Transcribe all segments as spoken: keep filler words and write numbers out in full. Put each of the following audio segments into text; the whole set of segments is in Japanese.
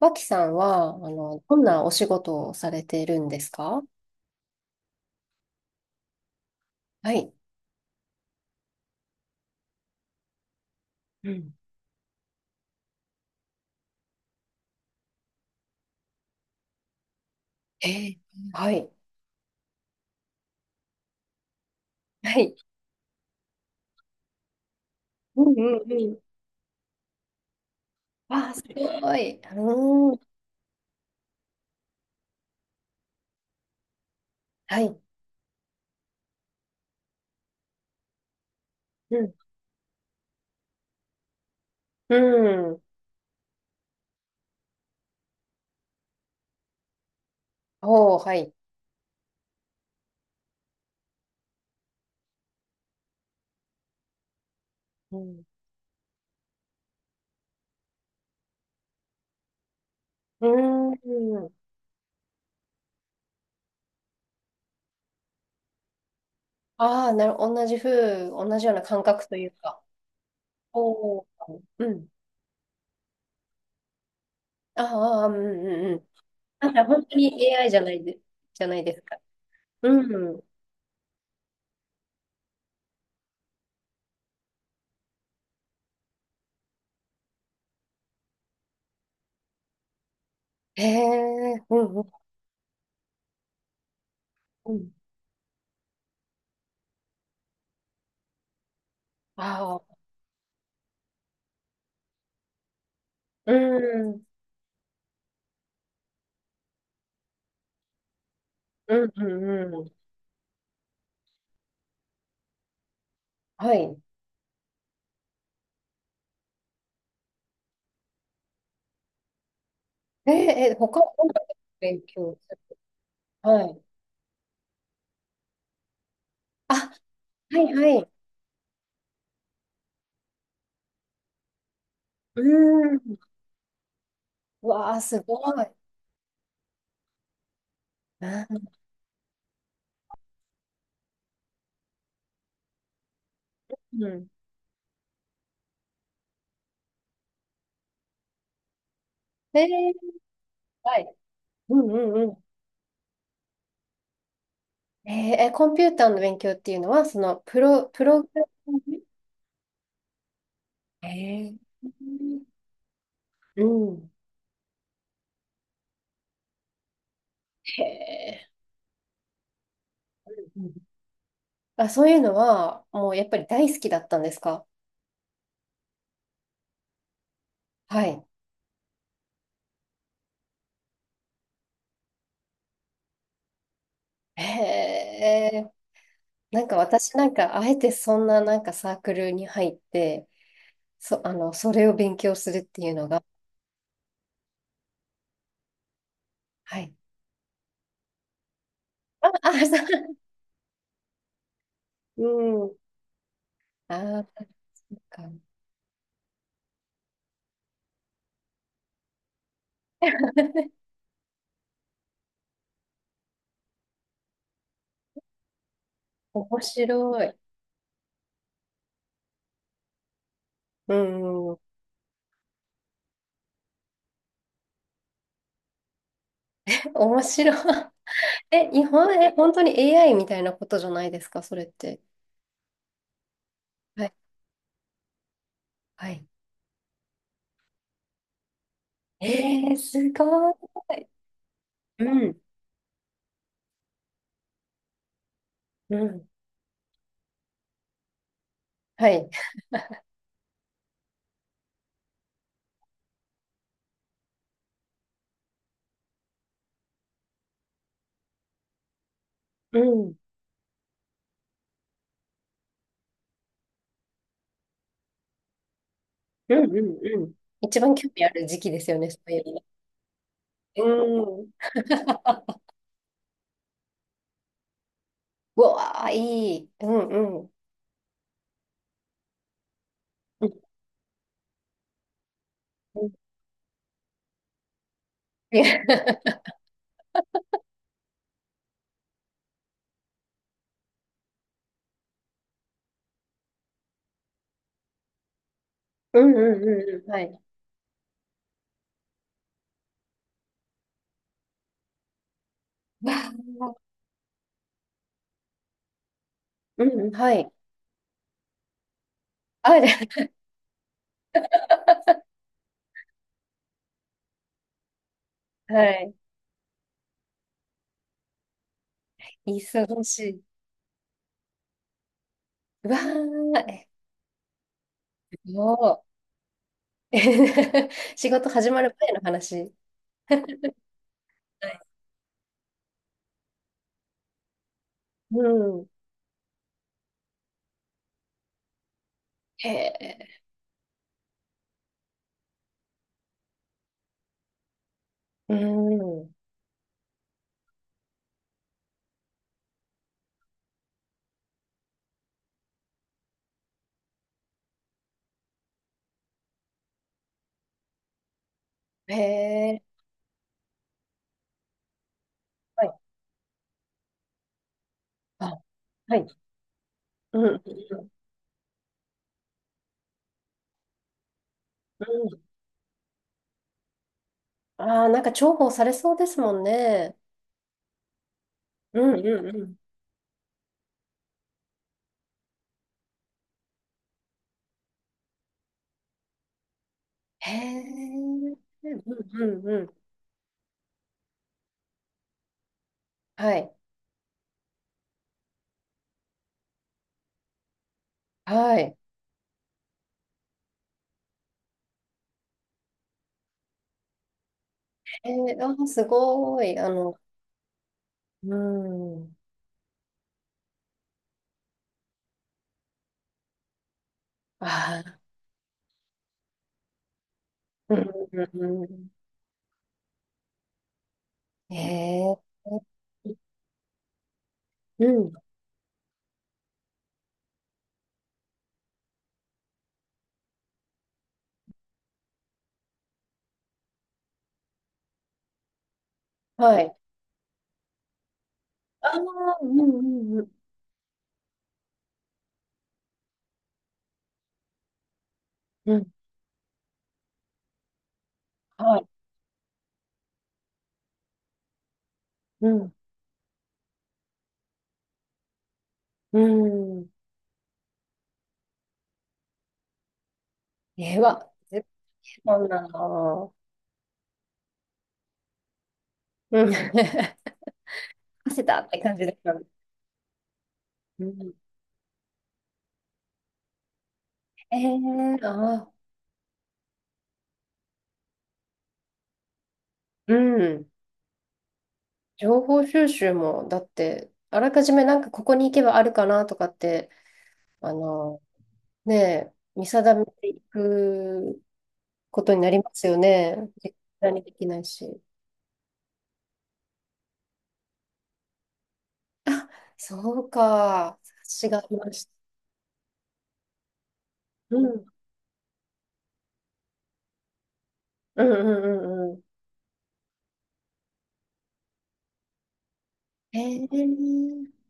脇さんは、あの、どんなお仕事をされているんですか？はい。うん。えー、はい。はい。うんうんうん。あー、すごい。うーん。はい。うん。うん。おー、はい。うん。うーん。ああ、なる、同じ風、同じような感覚というか。おー。うん。ああうんうんうん。なんか本当に エーアイ じゃないで、じゃないですか。うん。へえ、うんうんうん。ああ、うん。うんうんうん。はい。えー、えー、他、音楽勉強する。はい。あ、はいはい。うーん。うわあ、すごい。うん。えー、はい。うんうんうん。えー、えーコンピューターの勉強っていうのは、その、プロ、プログラミングえー、うん。へえ。うん。あ、そういうのは、もうやっぱり大好きだったんですか？はい。へえ。なんか私なんか、あえてそんななんかサークルに入って、そ、あの、それを勉強するっていうのが、はい。あ、あ、そう、うん。ああ、そうか。面白い。うん。面白い。え、日本、え、本当に エーアイ みたいなことじゃないですか、それって。はい。はい。えー、すごい。うん。うん。はい。うん。うん。うん。うん。一番興味ある時期ですよね、そういうの。うん。うわあ、いい。うんうん。うんうん。うんうんうんうん。はい。わうんうん、はい。あ、で、はい。忙しい。うわー、え、もう、仕事始まる前の話。はい。うん。へえ、うん。へえ、はい。あ、はい。うん、うん、うん。ああ、なんか重宝されそうですもんね。うん、うん、うん。へえ、うん、うん、うん。はい。はい。へえ、あー、すごい。あの、うん。ああ、うん、うん、うん。へえ。うん。はい。ああ、うんうんうん。うん。はい。うん。うん。ええわ。絶対そんなの。うん。汗だって感じだったの。うん。ええああ。うん。情報収集も、だって、あらかじめなんかここに行けばあるかなとかって、あの、ねえ、見定めていくことになりますよね。絶対にできないし。そうか。察しがありました。うん。うんうんうんうん。えー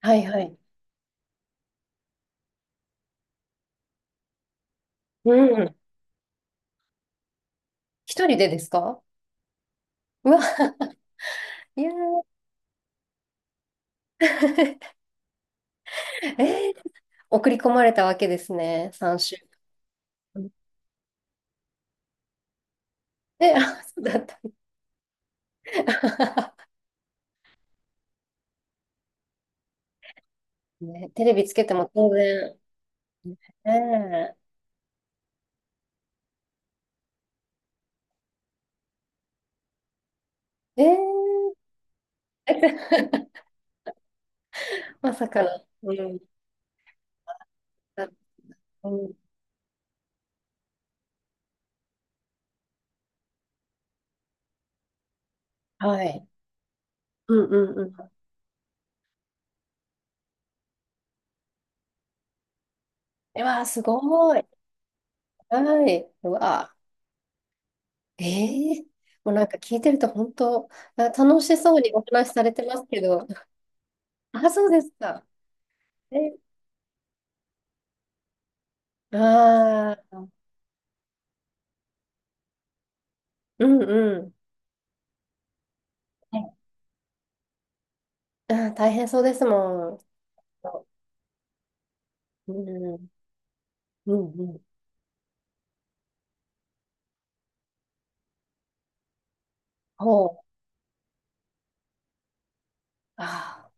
はいはい。うん。一人でですか？うわ、いやー えー送り込まれたわけですね、さんしゅう週。で、あ、そうだった。ね、テレビつけても当然。ねええー まさかの。うん。だうん。はい。うんうんうん。うわー、すごい。はい。うわー、えーもうなんか聞いてると本当、あ、楽しそうにお話しされてますけど、あ、そうですか。え、ああ、うんうん。はい。うん、大変そうですもん。うん、うん、うん。ほう。ああ、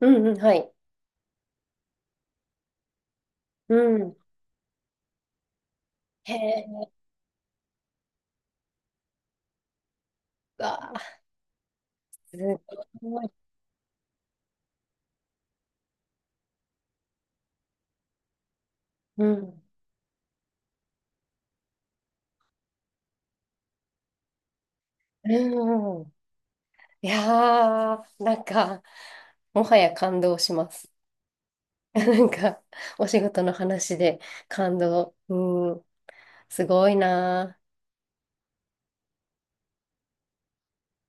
うん、うん、はい。うん。へえ、ああ、すごい。うん、うん。いやー、なんか、もはや感動します。なんか、お仕事の話で感動。うん、すごいなー。